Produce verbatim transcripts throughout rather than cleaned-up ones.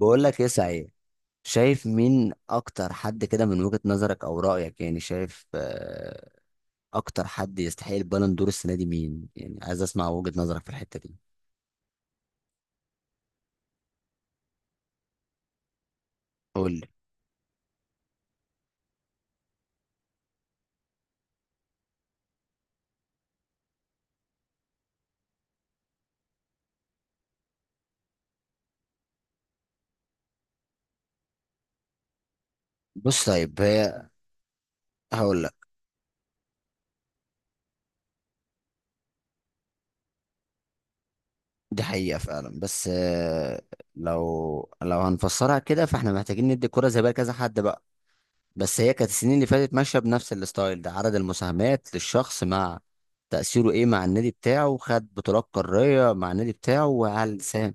بقول لك ايه؟ صحيح، شايف مين اكتر حد كده من وجهة نظرك او رأيك؟ يعني شايف آه، اكتر حد يستحق البالون دور السنة دي مين؟ يعني عايز اسمع وجهة نظرك في الحتة دي. قول لي. بص، طيب هي، هقول لك. دي حقيقة فعلا، بس آه، لو لو هنفسرها كده فاحنا محتاجين ندي الكرة زي بقى كذا حد بقى. بس هي كانت السنين اللي فاتت ماشية بنفس الستايل ده، عدد المساهمات للشخص مع تأثيره ايه مع النادي بتاعه، خد بطولات قارية مع النادي بتاعه، وهل ساهم.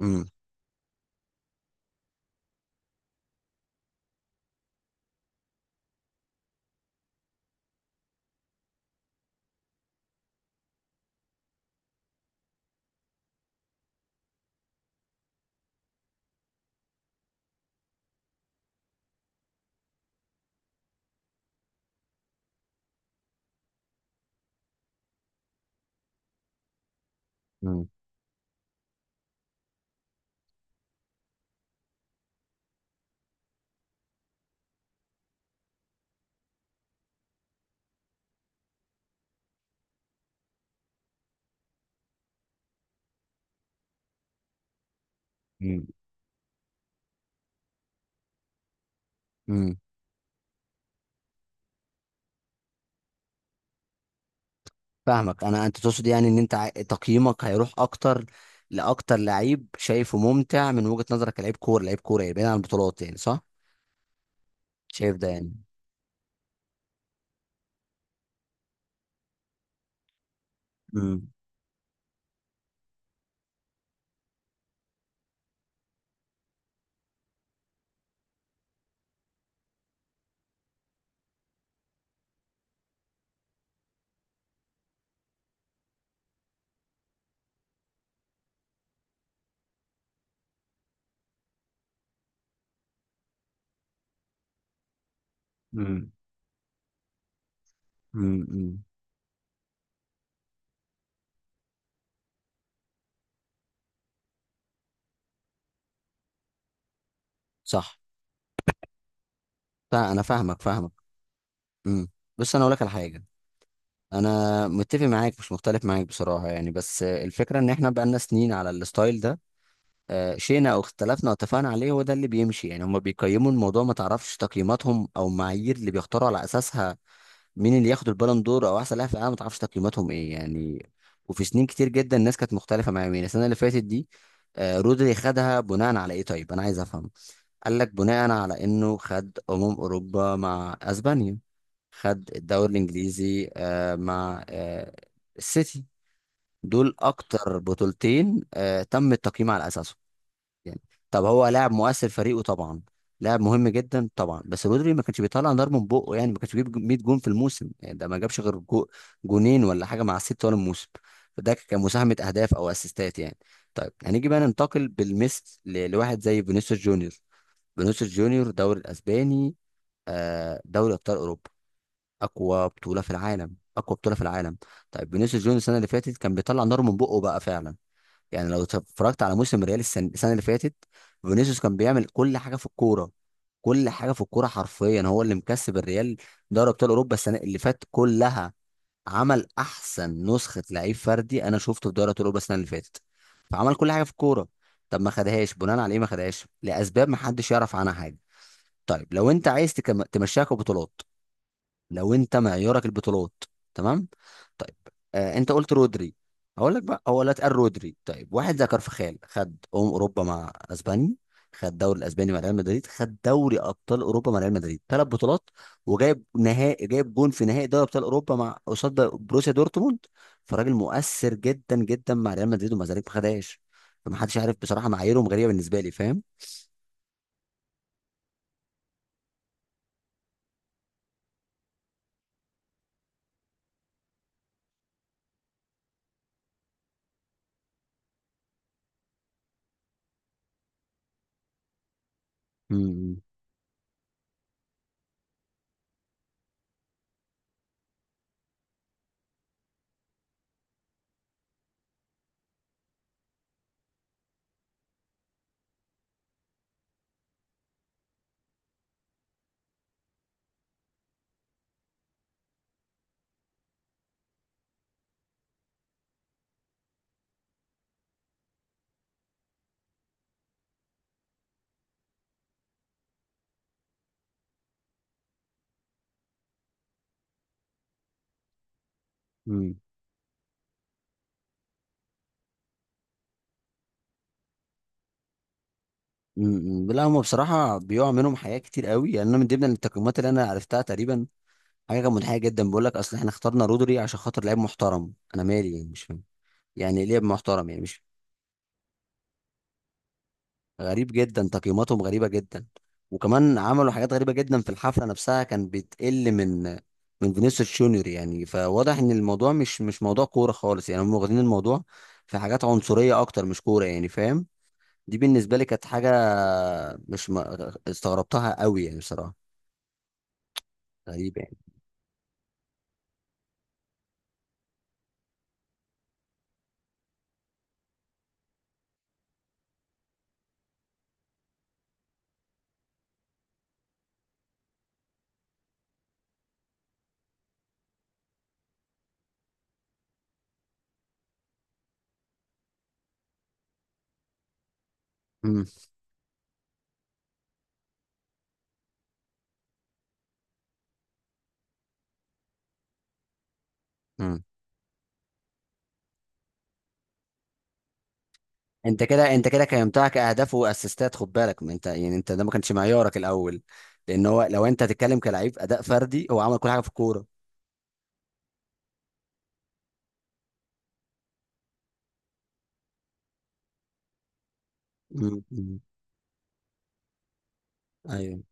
امم. مم. مم. فاهمك انا، انت تقصد يعني ان انت عا- تقييمك هيروح اكتر لاكتر لعيب شايفه ممتع من وجهة نظرك، كلاعب كوره، لعيب كوره، يعني بعيد عن البطولات، يعني صح؟ شايف ده يعني. امم، امم، امم. صح. فا- انا فاهمك فاهمك. امم. بس انا اقول لك على حاجه. انا متفق معاك مش مختلف معاك بصراحه يعني، بس الفكره ان احنا بقالنا سنين على الستايل ده. آه، شئنا او اختلفنا او اتفقنا عليه، هو ده اللي بيمشي يعني. هم بيقيموا الموضوع، ما تعرفش تقييماتهم او المعايير اللي بيختاروا على اساسها مين اللي ياخد البالون دور او احسن لاعب في العالم. ما تعرفش تقييماتهم ايه يعني. وفي سنين كتير جدا الناس كانت مختلفه مع مين. السنه اللي فاتت دي آه، رودري خدها بناء على ايه؟ طيب انا عايز افهم. قال لك بناء على انه خد امم اوروبا مع اسبانيا، خد الدوري الانجليزي آه، مع آه، السيتي. دول اكتر بطولتين آه، تم التقييم على اساسهم يعني. طب هو لاعب مؤثر فريقه طبعا، لاعب مهم جدا طبعا، بس رودري ما كانش بيطلع نار من بقه يعني. ما كانش بيجيب مية جون في الموسم يعني. ده ما جابش غير جو جونين ولا حاجه مع الست طول الموسم. فده كان مساهمه اهداف او اسيستات يعني. طيب هنيجي بقى ننتقل بالمثل ل- لواحد زي فينيسيوس جونيور. فينيسيوس جونيور دوري الاسباني، آه، دوري ابطال اوروبا، اقوى بطوله في العالم، اقوى بطوله في العالم. طيب فينيسيوس جونيور السنه اللي فاتت كان بيطلع نار من بقه بقى فعلا. يعني لو اتفرجت على موسم ريال السنه السنة اللي فاتت، فينيسيوس كان بيعمل كل حاجه في الكوره، كل حاجه في الكوره حرفيا. هو اللي مكسب الريال دوري ابطال اوروبا السنه اللي فاتت كلها. عمل احسن نسخه لعيب فردي انا شفته في دوري ابطال اوروبا السنه اللي فاتت. فعمل كل حاجه في الكوره. طب ما خدهاش بناء على ايه؟ ما خدهاش لاسباب ما حدش يعرف عنها حاجه. طيب لو انت عايز تكم... تمشيها كبطولات، لو انت معيارك البطولات، تمام. طيب، آه انت قلت رودري، هقول لك بقى، هو لا اتقال رودري. طيب واحد زي كارفخال خد امم اوروبا مع اسبانيا، خد دوري الاسباني مع ريال مدريد، خد دوري ابطال اوروبا مع ريال مدريد، ثلاث بطولات. وجايب نهائي، جايب جون في نهائي دوري ابطال اوروبا مع قصاد بروسيا دورتموند. فراجل مؤثر جدا جدا مع ريال مدريد، ومع ذلك ما خدهاش. فمحدش عارف بصراحه، معاييرهم غريبه بالنسبه لي، فاهم؟ امم. م- م. لا هم بصراحه بيقع منهم حاجات كتير قوي يعني. انا من ضمن التقييمات اللي انا عرفتها تقريبا، حاجه كانت منحيه جدا، بيقول لك اصل احنا اخترنا رودري عشان خاطر لعيب محترم. انا مالي يعني؟ مش فاهم يعني ايه لعيب محترم؟ يعني مش غريب جدا؟ تقييماتهم غريبه جدا. وكمان عملوا حاجات غريبه جدا في الحفله نفسها، كان بتقل من من فينيسيوس جونيور يعني. فواضح ان الموضوع مش مش موضوع كوره خالص يعني. هم واخدين الموضوع في حاجات عنصريه اكتر مش كوره يعني، فاهم؟ دي بالنسبه لي كانت حاجه مش ما استغربتها قوي يعني بصراحه. غريب يعني. امم. امم. انت كده، انت كده قيمتها كاهداف واسيستات، خد بالك، ما انت يعني انت ده ما كانش معيارك الاول. لان هو، لو انت تتكلم كلاعب اداء فردي، هو عمل كل حاجه في الكوره. امم. امم. ايوه.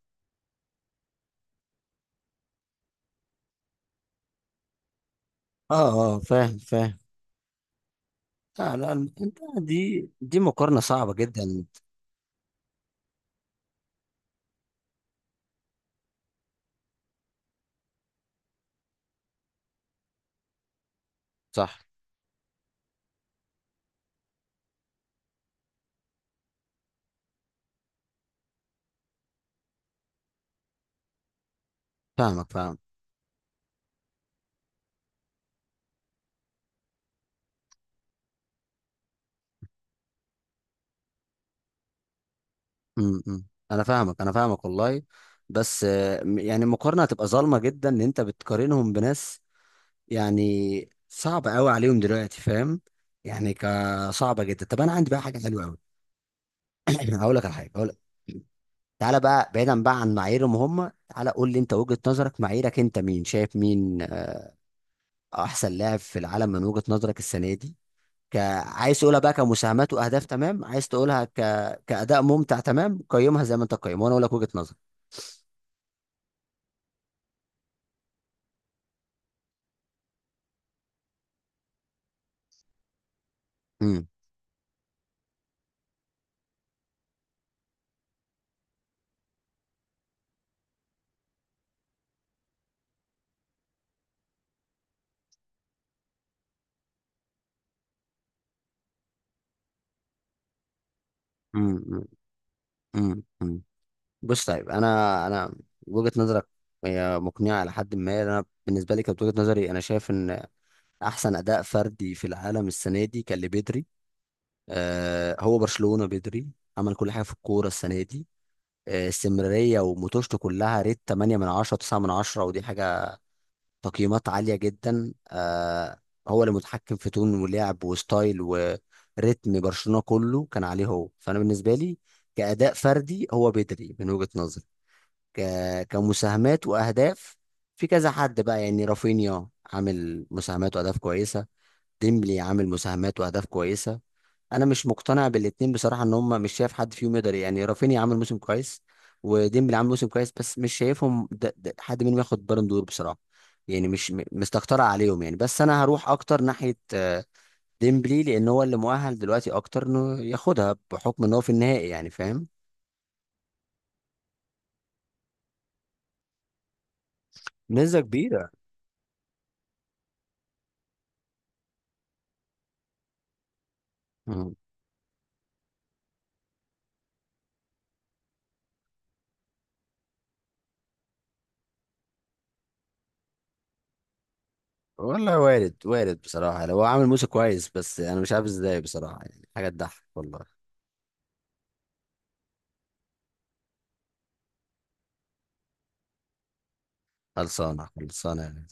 اه. اه فاهم، فاهم. لا لا، الم- انت دي دي مقارنه صعبه جدا. صح. فاهمك، فاهم. امم. أمم. انا فاهمك، انا فاهمك والله. بس آه، م- يعني المقارنه هتبقى ظالمه جدا ان انت بتقارنهم بناس يعني صعب قوي عليهم دلوقتي، فاهم؟ يعني كصعبه جدا. طب انا عندي بقى حاجه حلوه قوي. هقول لك على حاجه، هقول لك. تعالى بقى بعيدا بقى عن معاييرهم هم، تعالى قول لي انت، وجهه نظرك، معاييرك انت، مين شايف مين آه، احسن لاعب في العالم من وجهه نظرك السنه دي؟ ك... عايز تقولها بقى كمساهمات واهداف، تمام. عايز تقولها ك... كاداء ممتع، تمام. قيمها زي ما انت قيمها وانا اقول لك وجهه نظري. امم. امم. امم. امم. بص، طيب انا، انا وجهة نظرك هي مقنعة على حد ما. انا بالنسبة لي كانت وجهة نظري انا شايف ان احسن اداء فردي في العالم السنة دي كان لبدري. آه، هو برشلونة بدري، عمل كل حاجة في الكورة السنة دي. آه، استمرارية وموتوشته كلها ريت تمانية من عشرة، تسعة من عشرة، ودي حاجة تقييمات عالية جدا. آه، هو اللي متحكم في تون ولعب وستايل وريتم برشلونة، كله كان عليه هو. فانا بالنسبة لي كأداء فردي هو بدري من وجهة نظري. ك... كمساهمات واهداف، في كذا حد بقى يعني. رافينيا عامل مساهمات واهداف كويسه، ديمبلي عامل مساهمات واهداف كويسه. انا مش مقتنع بالاتنين بصراحه، ان هم مش شايف حد فيهم يقدر يعني. رافينيا عامل موسم كويس وديمبلي عامل موسم كويس، بس مش شايفهم ده ده حد منهم ياخد بالون دور بصراحه. يعني مش م- مستكترة عليهم يعني، بس انا هروح اكتر ناحيه آه، ديمبلي، لان هو اللي مؤهل دلوقتي اكتر انه ياخدها بحكم ان هو في النهائي يعني، فاهم؟ نسبة كبيرة. والله وارد، وارد بصراحة، لو هو عامل موسى كويس، بس أنا مش عارف إزاي بصراحة. يعني حاجة تضحك والله. خلصانة، خلصانة يعني.